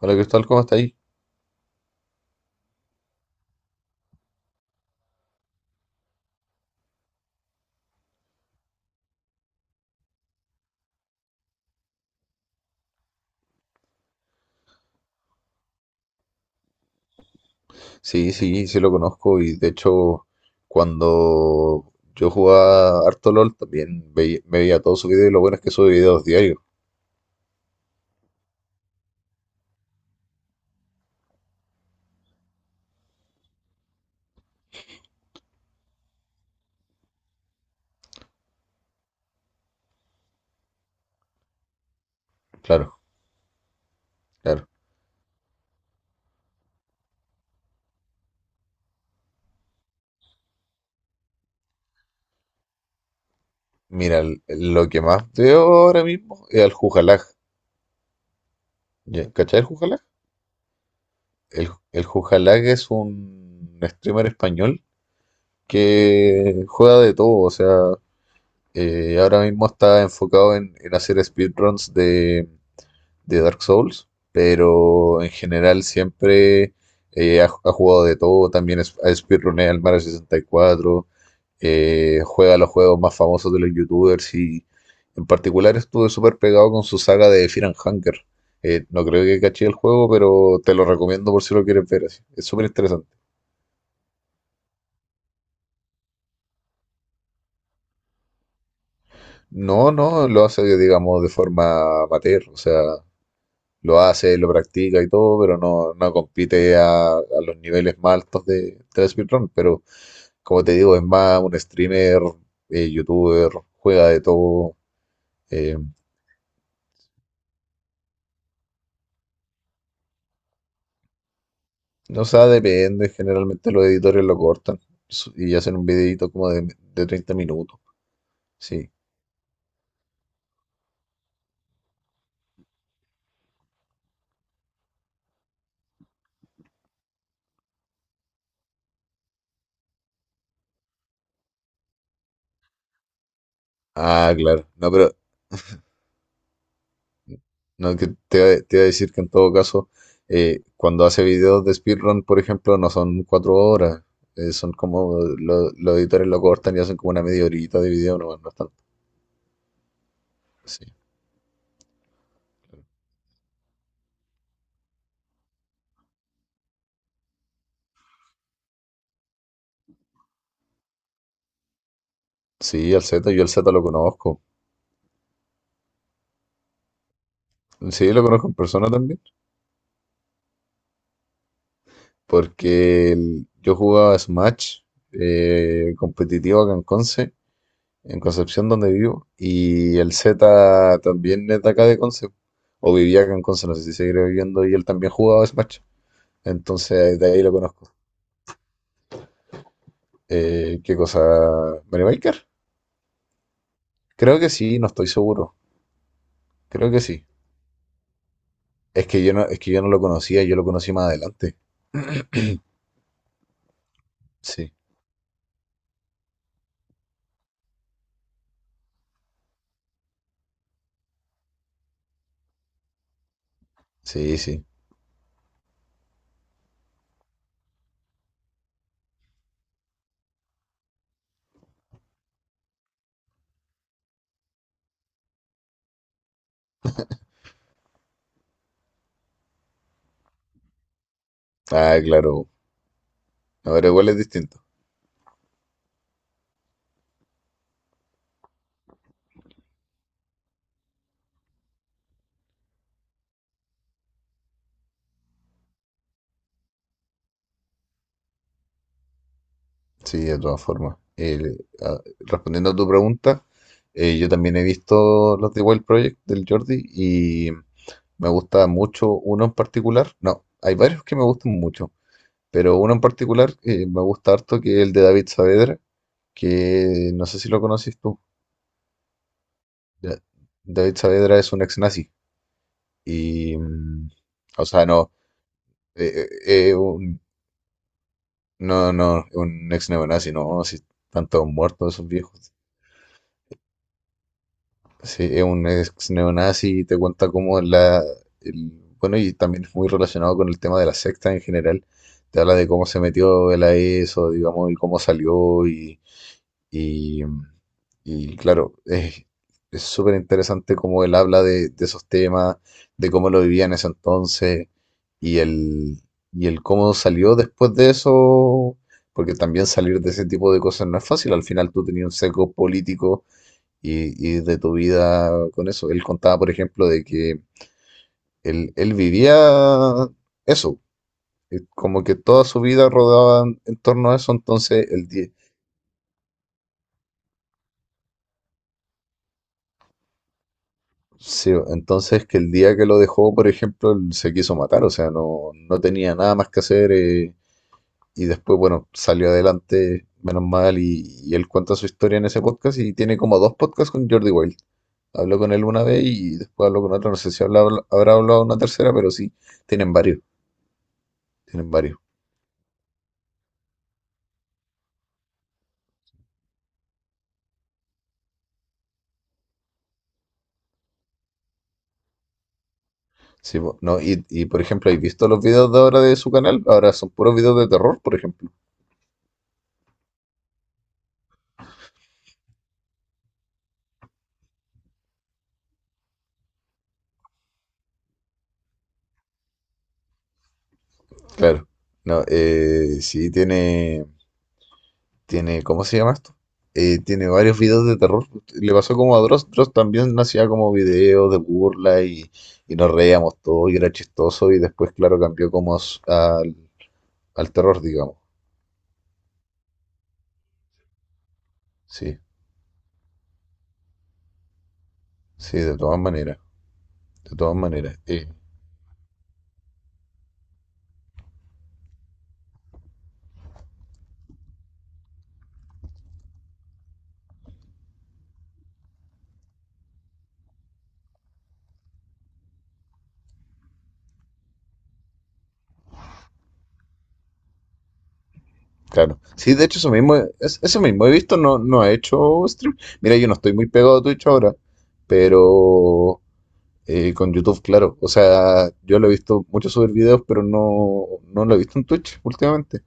Hola Cristóbal, ¿cómo estáis? Sí, sí, sí lo conozco y de hecho cuando yo jugaba harto LOL también veía, me veía todos sus videos y lo bueno es que sube videos diarios. Claro, claro. Mira, lo que más veo ahora mismo es al Jujalaj. ¿Ya? ¿Cachai el Jujalaj? El Jujalaj es un streamer español que juega de todo, o sea, ahora mismo está enfocado en hacer speedruns de Dark Souls, pero en general siempre ha jugado de todo, también ha speedruneado el Mario 64. Juega los juegos más famosos de los youtubers y en particular estuve súper pegado con su saga de Fear and Hunger. No creo que caché el juego, pero te lo recomiendo por si lo quieres ver así. Es súper interesante. No, no, lo hace, digamos, de forma amateur. O sea, lo hace, lo practica y todo, pero no, no compite a los niveles más altos de la speedrun. Pero como te digo, es más un streamer, youtuber, juega de todo. eh, no sé, depende. Generalmente los editores lo cortan y hacen un videito como de 30 minutos. Sí. Ah, claro. No, pero no, que te iba a decir que en todo caso, cuando hace videos de speedrun, por ejemplo, no son 4 horas. Son como los editores lo cortan y hacen como una media horita de video, no, no es tanto. Sí. Sí, al Z, yo al Z lo conozco. Sí, lo conozco en persona también. Porque yo jugaba Smash competitivo acá en Conce, en Concepción donde vivo, y el Z también es de acá de Conce, o vivía acá en Conce, no sé si seguirá viviendo, y él también jugaba Smash, entonces de ahí lo conozco. ¿Qué cosa? ¿Mario Maker? Creo que sí, no estoy seguro, creo que sí. Es que yo no, es que yo no lo conocía, yo lo conocí más adelante. Sí, sí, sí. Ah, claro. Ahora igual es distinto. Sí, de todas formas. Respondiendo a tu pregunta, yo también he visto los de Wild Project del Jordi y me gusta mucho uno en particular. No, hay varios que me gustan mucho, pero uno en particular me gusta harto, que es el de David Saavedra, que no sé si lo conoces tú. Da- David Saavedra es un ex nazi y, mm, o sea, no, eh, eh, eh, un, no, no, un ex neonazi, no, si tantos muertos esos viejos. Sí, es un ex neonazi y te cuenta cómo la... el- bueno, y también es muy relacionado con el tema de la secta en general. Te habla de cómo se metió él a eso, digamos, y cómo salió y, y claro, es súper interesante cómo él habla de esos temas, de cómo lo vivía en ese entonces y el, y el cómo salió después de eso. Porque también salir de ese tipo de cosas no es fácil. Al final tú tenías un sesgo político y de tu vida con eso. Él contaba, por ejemplo, de que él vivía eso, como que toda su vida rodaba en torno a eso, entonces el día, sí, entonces que el día que lo dejó, por ejemplo, él se quiso matar, o sea, no, no tenía nada más que hacer, y después, bueno, salió adelante, menos mal, y él cuenta su historia en ese podcast y tiene como dos podcasts con Jordi Wild. Habló con él una vez y después habló con otra, no sé si habrá hablado una tercera, pero sí, tienen varios, tienen varios. Sí, po, no, y, por ejemplo, ¿has visto los videos de ahora de su canal? Ahora son puros videos de terror, por ejemplo. Claro. No, tiene, ¿cómo se llama esto? Tiene varios videos de terror. Le pasó como a Dross. Dross también hacía como videos de burla y nos reíamos todo y era chistoso y después, claro, cambió como a al terror, digamos. Sí, sí, de todas maneras, de todas maneras. Claro. Sí, de hecho, eso mismo, eso mismo he visto, no, no ha hecho stream. Mira, yo no estoy muy pegado a Twitch ahora, pero con YouTube, claro. O sea, yo lo he visto mucho subir videos, pero no, no lo he visto en Twitch últimamente.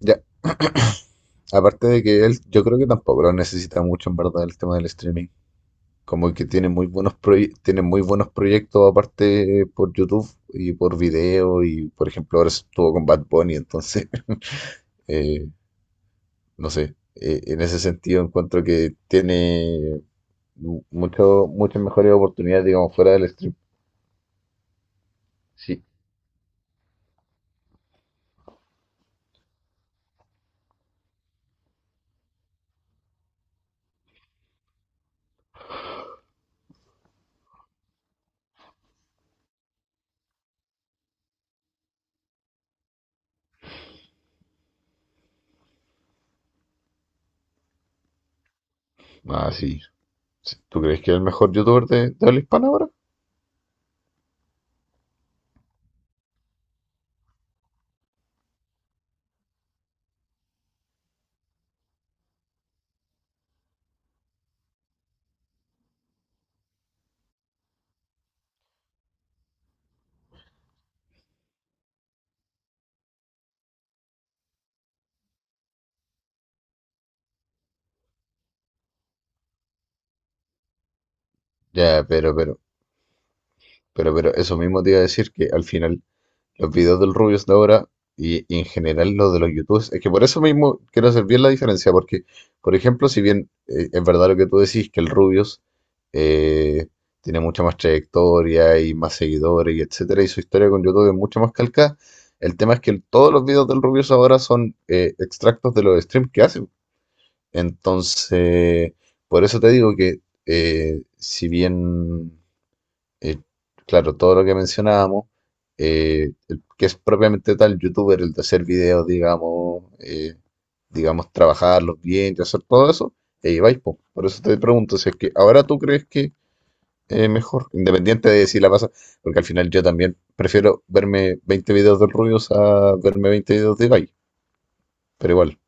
Ya, aparte de que él, yo creo que tampoco lo necesita mucho, en verdad, el tema del streaming. Como que tiene muy buenos tiene muy buenos proyectos aparte por YouTube y por video y por ejemplo ahora estuvo con Bad Bunny, entonces eh, no sé, en ese sentido encuentro que tiene muchas mejores oportunidades, digamos, fuera del stream. Sí. Ah, sí. Sí. ¿Tú crees que es el mejor youtuber de habla hispana ahora? Ya, eso mismo te iba a decir que al final los videos del Rubius ahora y en general los de los YouTubers, es que por eso mismo quiero hacer bien la diferencia, porque, por ejemplo, si bien es verdad lo que tú decís, que el Rubius eh, tiene mucha más trayectoria y más seguidores y etcétera, y su historia con YouTube es mucho más calcada, el tema es que todos los videos del Rubius ahora son extractos de los streams que hace. Entonces, por eso te digo que si bien eh, claro, todo lo que mencionábamos, el que es propiamente tal youtuber, el de hacer videos, digamos, trabajarlos bien y hacer todo eso, y ahí vais, po. Por eso te pregunto, si es que ahora tú crees que es mejor, independiente de si la pasa, porque al final yo también prefiero verme 20 videos del Rubius a verme 20 videos de Ibai, pero igual,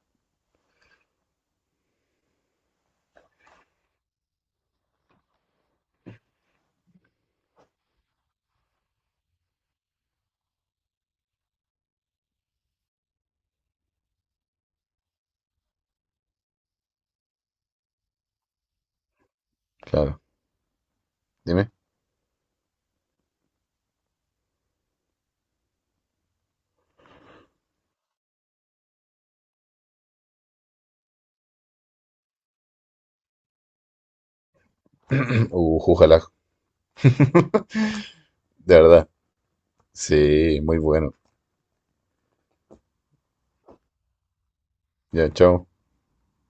claro, dime, jújala, de verdad, sí, muy bueno, ya, chao.